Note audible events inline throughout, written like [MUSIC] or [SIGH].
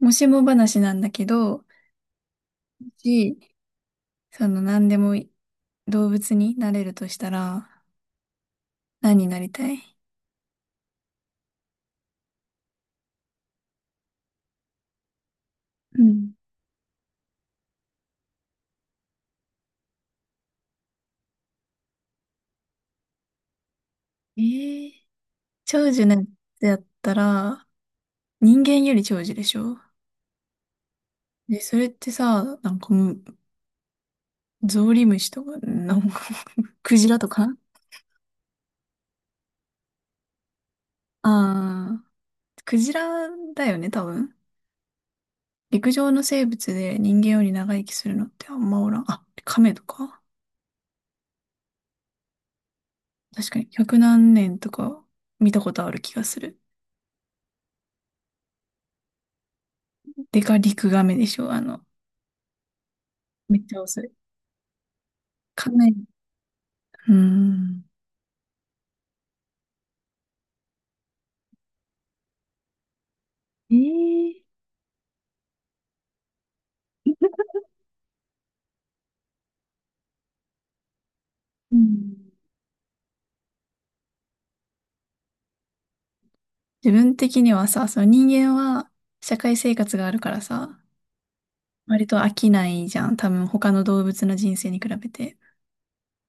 もしも話なんだけど、し、その何でも動物になれるとしたら、何になりたい？うん。えー、長寿なんてやったら、人間より長寿でしょ？で、それってさ、なんかもう、ゾウリムシとか、なんか、クジラとか。ああ、クジラだよね、多分。陸上の生物で人間より長生きするのってあんまおらん。あ、カメとか。確かに、百何年とか見たことある気がする。でかリクガメでしょ。めっちゃ遅い。かなり、うーん。えーうん。自分的にはさ、その人間は社会生活があるからさ、割と飽きないじゃん。多分他の動物の人生に比べて。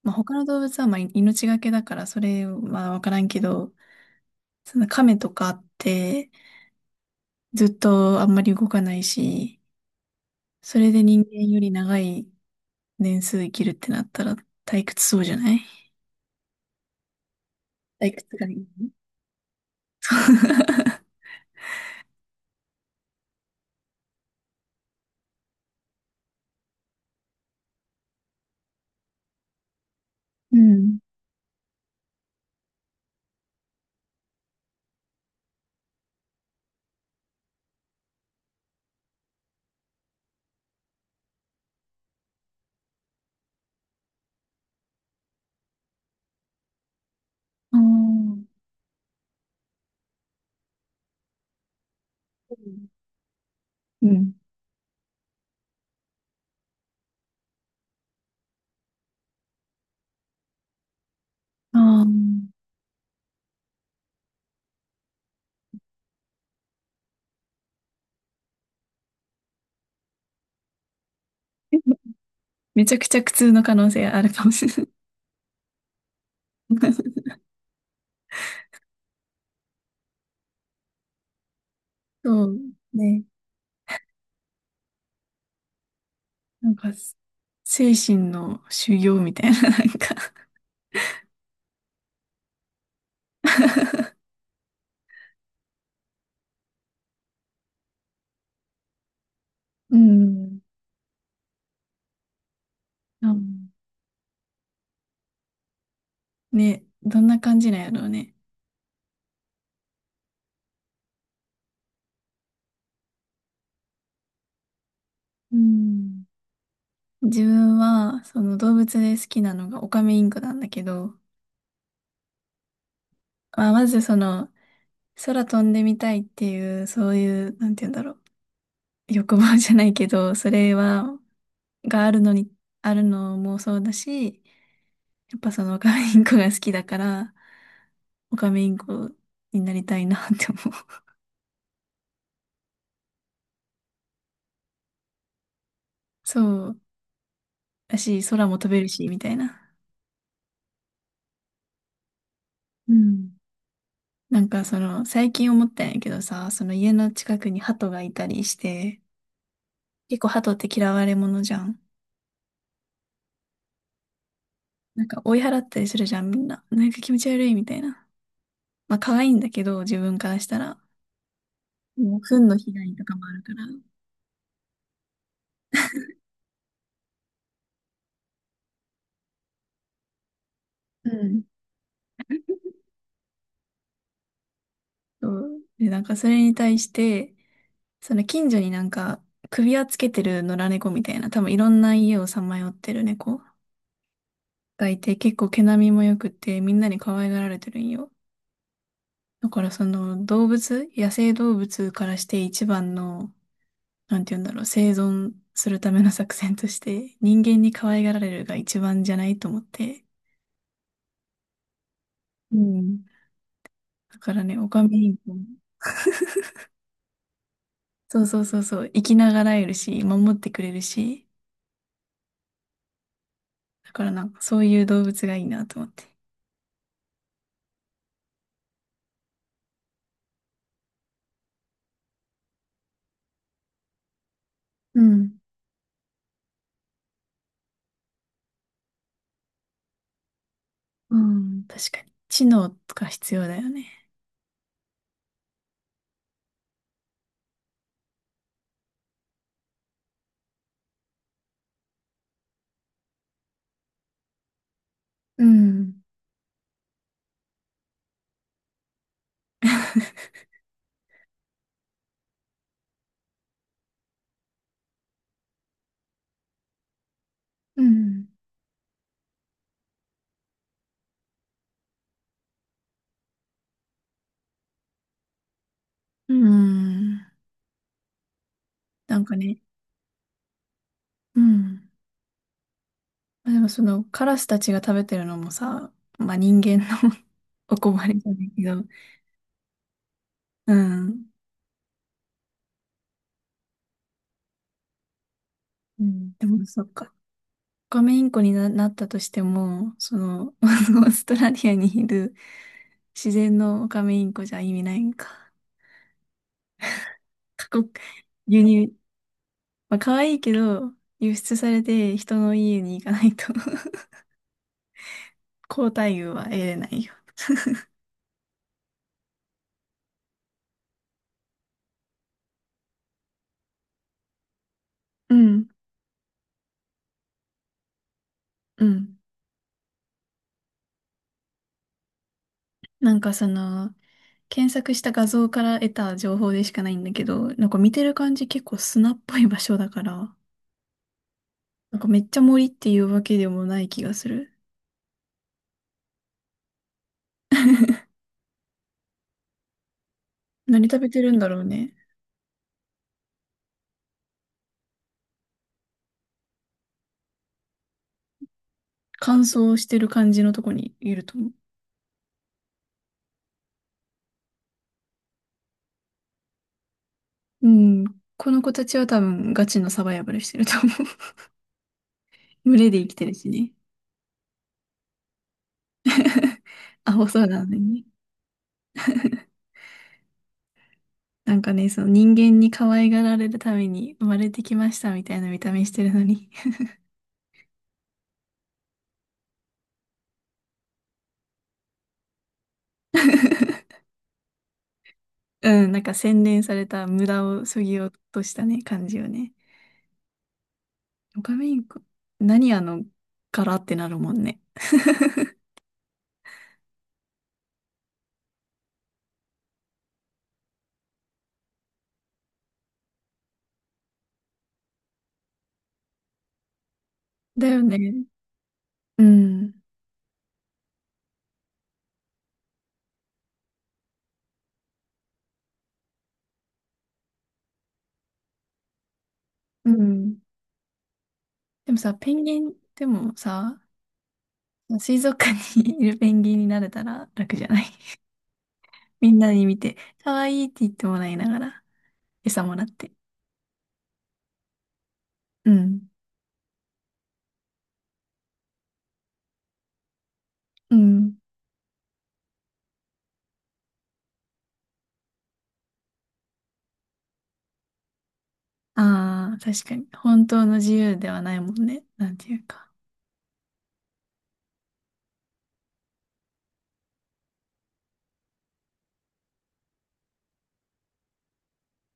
まあ、他の動物はまあ命がけだからそれはわからんけど、その亀とかってずっとあんまり動かないし、それで人間より長い年数生きるってなったら退屈そうじゃない？退屈がいい。うん。あー、うん。ああ。めちゃくちゃ苦痛の可能性あるかもしれない。[LAUGHS] そうね。なんか、精神の修行みたいな、なんか、うん。あ、ね、どんな感じなんやろうね。うん。自分は、その動物で好きなのがオカメインコなんだけど、まあ、まずその、空飛んでみたいっていう、そういう、なんて言うんだろう。欲望じゃないけど、それはがあるのに、あるのもそうだし、やっぱそのオカメインコが好きだから、オカメインコになりたいなって思う。そうだし、空も飛べるし、みたいな。うん。なんかその、最近思ったんやけどさ、その家の近くに鳩がいたりして、結構鳩って嫌われ者じゃん。なんか追い払ったりするじゃん、みんな。なんか気持ち悪いみたいな。まあ可愛いんだけど、自分からしたら。もう、糞の被害とかもあるから。うん。そう。で、なんかそれに対して、その近所になんか首輪つけてる野良猫みたいな、多分いろんな家をさまよってる猫がいて、結構毛並みも良くてみんなに可愛がられてるんよ。だからその動物、野生動物からして一番の、なんて言うんだろう、生存するための作戦として人間に可愛がられるが一番じゃないと思って。うん。だからね、オカメインコも、そうそうそうそう、生きながらえるし、守ってくれるし、だからなんかそういう動物がいいなと思って。うんうん、確かに。知能とか必要だよね。うん。[LAUGHS] うん。うん。なんかね、うん。まあでもそのカラスたちが食べてるのもさ、まあ人間の [LAUGHS] お困りじゃないけど、うん。うん。でもそっか。オカメインコになったとしても、その、[LAUGHS] オーストラリアにいる自然のオカメインコじゃ意味ないんか。過酷、輸入。まあ可愛いけど、輸出されて人の家に行かないと [LAUGHS] 高待遇は得れないよ。うん、うん。なんかその、検索した画像から得た情報でしかないんだけど、なんか見てる感じ結構砂っぽい場所だから、なんかめっちゃ森っていうわけでもない気がする。何食べてるんだろうね。乾燥してる感じのとこにいると思う。うん。この子たちは多分ガチのサバイバルしてると思う。[LAUGHS] 群れで生きてるしね。[LAUGHS] アホそうなのにね。[LAUGHS] なんかね、その人間に可愛がられるために生まれてきましたみたいな見た目してるのに [LAUGHS] うん、なんか洗練された無駄を削ぎ落としたね、感じよね。オカメインコ、何あの柄ってなるもんね。だよね。うん。うん。でもさ、ペンギン、でもさ、水族館に [LAUGHS] いるペンギンになれたら楽じゃない？ [LAUGHS] みんなに見て、可愛いって言ってもらいながら、餌もらって。うん。うん。ああ、確かに。本当の自由ではないもんね。なんていうか。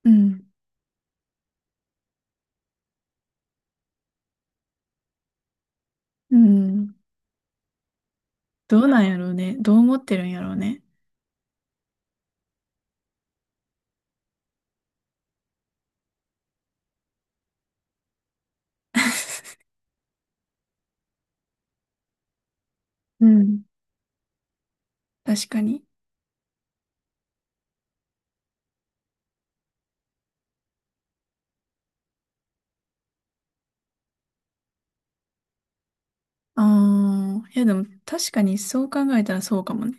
うん。うん。どうなんやろうね。どう思ってるんやろうね。うん。[LAUGHS] 確かに。ああ、いやでも確かにそう考えたらそうかもね。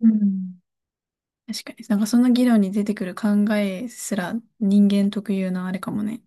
うん。確かに。なんかその議論に出てくる考えすら人間特有のあれかもね。